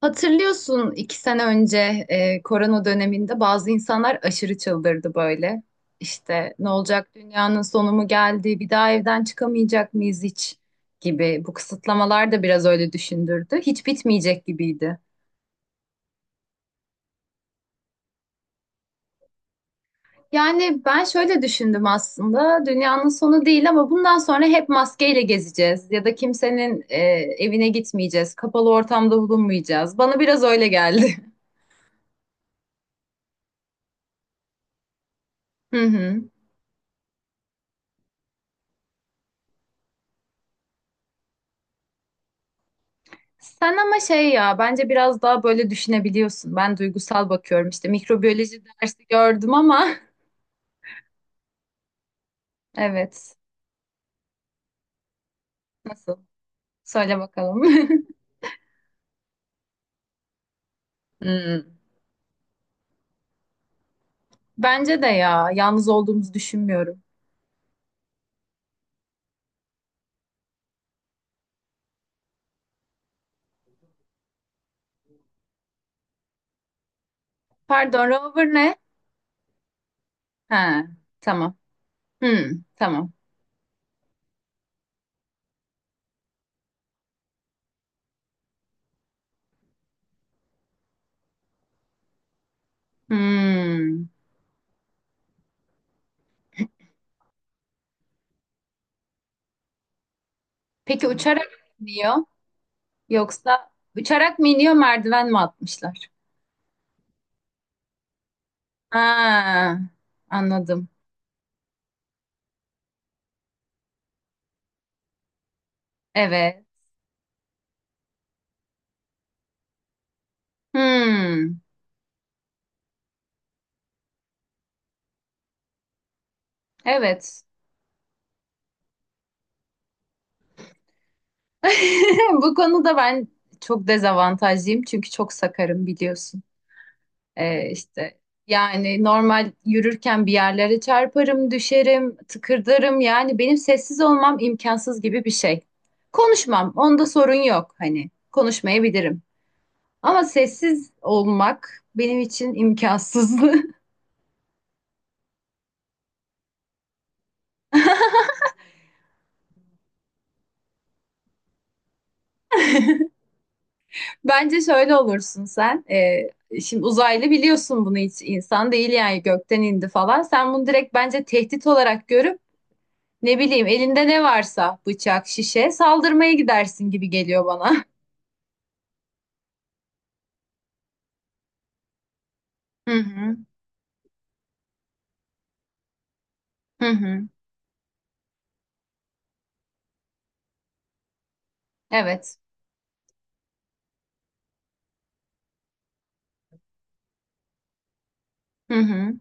Hatırlıyorsun iki sene önce korona döneminde bazı insanlar aşırı çıldırdı böyle. İşte ne olacak, dünyanın sonu mu geldi, bir daha evden çıkamayacak mıyız hiç gibi. Bu kısıtlamalar da biraz öyle düşündürdü. Hiç bitmeyecek gibiydi. Yani ben şöyle düşündüm, aslında dünyanın sonu değil ama bundan sonra hep maskeyle gezeceğiz ya da kimsenin evine gitmeyeceğiz, kapalı ortamda bulunmayacağız. Bana biraz öyle geldi. Hı hı. Sen ama şey ya, bence biraz daha böyle düşünebiliyorsun. Ben duygusal bakıyorum, işte mikrobiyoloji dersi gördüm ama evet, nasıl? Söyle bakalım. Hmm. Bence de ya, yalnız olduğumuzu düşünmüyorum. Pardon, rover ne? Ha, tamam. Hmm, tamam. Hmm. Peki uçarak mı iniyor yoksa uçarak mı iniyor, merdiven mi atmışlar? Ha, anladım. Evet. Hmm, evet. Bu konuda ben çok dezavantajlıyım çünkü çok sakarım, biliyorsun. İşte yani normal yürürken bir yerlere çarparım, düşerim, tıkırdarım. Yani benim sessiz olmam imkansız gibi bir şey. Konuşmam, onda sorun yok, hani konuşmayabilirim. Ama sessiz olmak benim için imkansız. Bence şöyle olursun sen. Şimdi uzaylı, biliyorsun bunu hiç insan değil yani, gökten indi falan. Sen bunu direkt bence tehdit olarak görüp ne bileyim, elinde ne varsa bıçak, şişe, saldırmaya gidersin gibi geliyor bana. Hı hı, hı hı. Evet. Hı hı,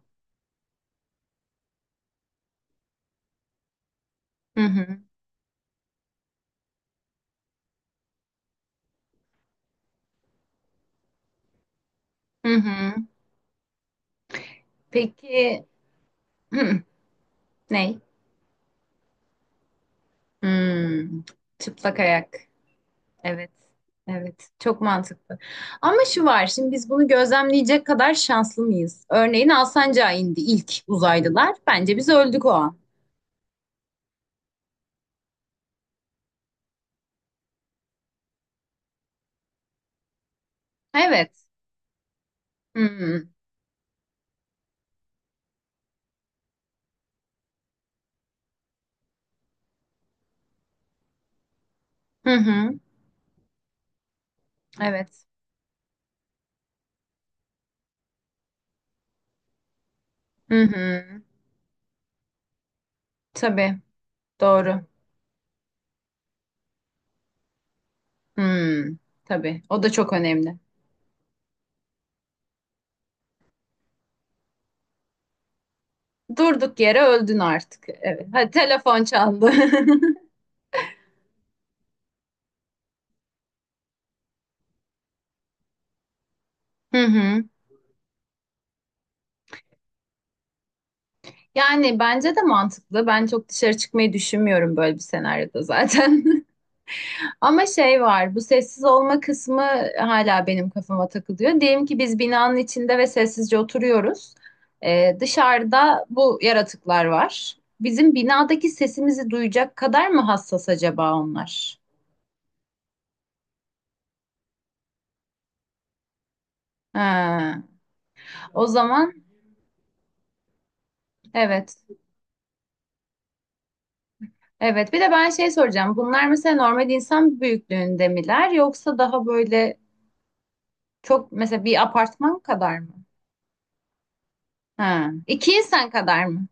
hı hı, hı hı. Peki, hı, ne? Hmm, çıplak ayak. Evet, evet. Çok mantıklı. Ama şu var, şimdi biz bunu gözlemleyecek kadar şanslı mıyız? Örneğin Alsancak'a indi ilk uzaylılar. Bence biz öldük o an. Evet. Hı hı, hı hı. Evet. Hı hı. Tabii, doğru. Hmm, tabii. O da çok önemli. Durduk yere öldün artık. Evet. Hadi telefon çaldı. Hı hı. Yani bence de mantıklı. Ben çok dışarı çıkmayı düşünmüyorum böyle bir senaryoda zaten. Ama şey var, bu sessiz olma kısmı hala benim kafama takılıyor. Diyelim ki biz binanın içinde ve sessizce oturuyoruz. Dışarıda bu yaratıklar var. Bizim binadaki sesimizi duyacak kadar mı hassas acaba onlar? Ha, o zaman evet. Evet, bir de ben şey soracağım. Bunlar mesela normal insan büyüklüğünde miler yoksa daha böyle çok, mesela bir apartman kadar mı? Ha, iki insan kadar mı?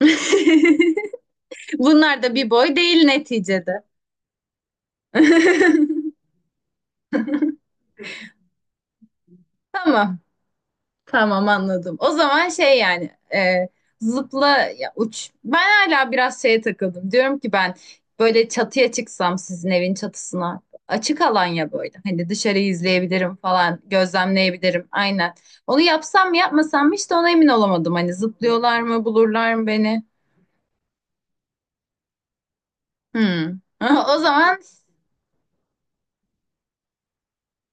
Bunlar da bir boy değil neticede. Tamam. Tamam, anladım. O zaman şey yani zıpla ya, uç. Ben hala biraz şeye takıldım. Diyorum ki ben böyle çatıya çıksam, sizin evin çatısına, açık alan ya böyle. Hani dışarıyı izleyebilirim falan, gözlemleyebilirim aynen. Onu yapsam mı yapmasam mı, işte ona emin olamadım. Hani zıplıyorlar mı, bulurlar mı beni? Hmm. O zaman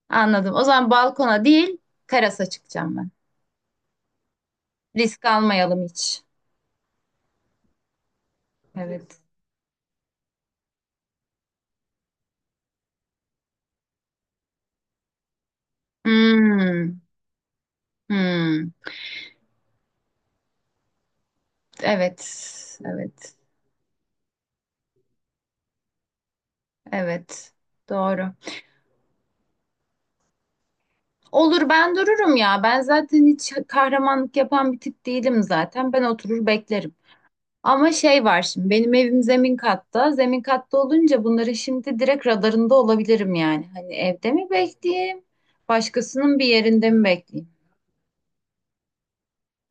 anladım. O zaman balkona değil, terasa çıkacağım ben. Risk almayalım hiç. Evet. Hmm. Hmm. Evet, evet, evet. Doğru. Olur, ben dururum ya. Ben zaten hiç kahramanlık yapan bir tip değilim zaten. Ben oturur beklerim. Ama şey var, şimdi benim evim zemin katta. Zemin katta olunca bunların şimdi direkt radarında olabilirim yani. Hani evde mi bekleyeyim? Başkasının bir yerinde mi bekleyeyim?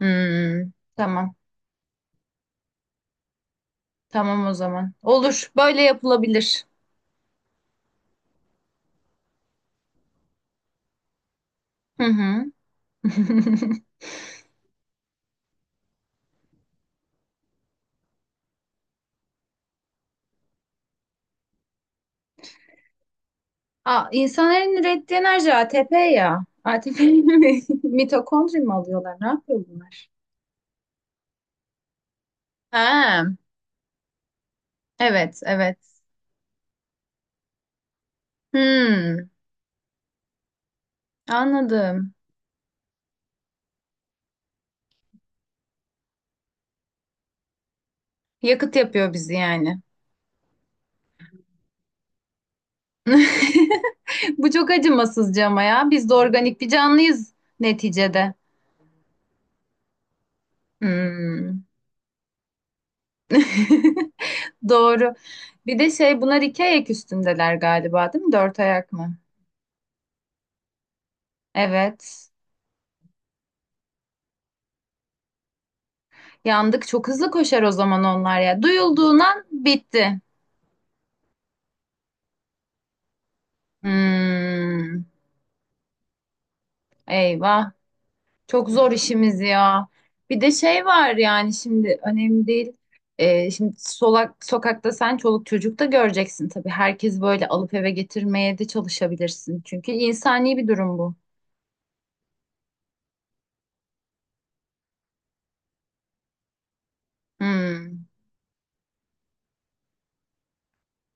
Hmm, tamam. Tamam o zaman. Olur. Böyle yapılabilir. Hı hı. Aa, insanların ürettiği enerji ATP ya. ATP mi? Mitokondri mi alıyorlar? Ne yapıyor bunlar? Ha, evet, evet. Hmm, anladım. Yakıt yapıyor bizi yani. Bu çok acımasızca ama ya. Biz de organik bir canlıyız neticede. Hmm. Doğru. Bir de şey, bunlar iki ayak üstündeler galiba değil mi? Dört ayak mı? Evet. Yandık. Çok hızlı koşar o zaman onlar ya. Duyulduğundan bitti. Hmm, eyvah. Çok zor işimiz ya. Bir de şey var yani, şimdi önemli değil. Şimdi solak, sokakta sen çoluk çocuk da göreceksin tabii. Herkes böyle alıp eve getirmeye de çalışabilirsin. Çünkü insani bir durum bu. Hmm,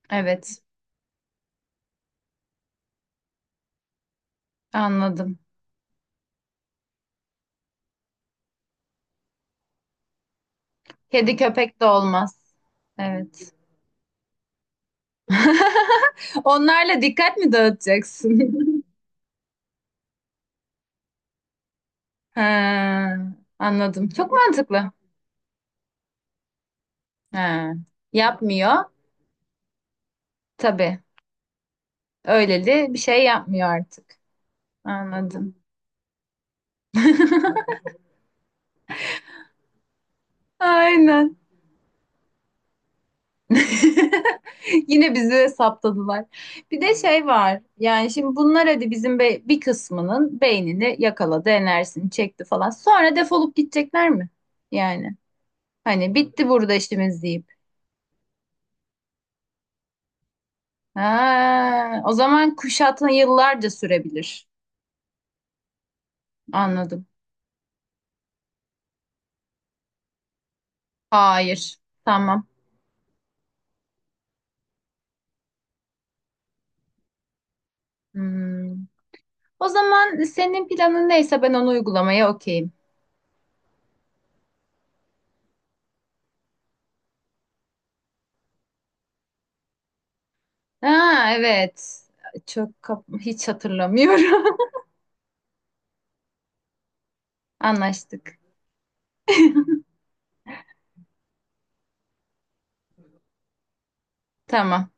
evet, anladım. Kedi köpek de olmaz. Evet. Onlarla dikkat mi dağıtacaksın? Ha, anladım. Çok mantıklı. Ha, yapmıyor. Tabii. Öyleli bir şey yapmıyor artık. Anladım. Aynen. Yine bizi saptadılar. Bir de şey var. Yani şimdi bunlar hadi bizim be- bir kısmının beynini yakaladı, enerjisini çekti falan. Sonra defolup gidecekler mi? Yani hani bitti burada işimiz deyip. Ha, o zaman kuşatma yıllarca sürebilir. Anladım. Hayır. Tamam. Hmm. O zaman senin planın neyse ben onu uygulamaya okeyim. Ha evet. Çok kap- hiç hatırlamıyorum. Anlaştık. Tamam.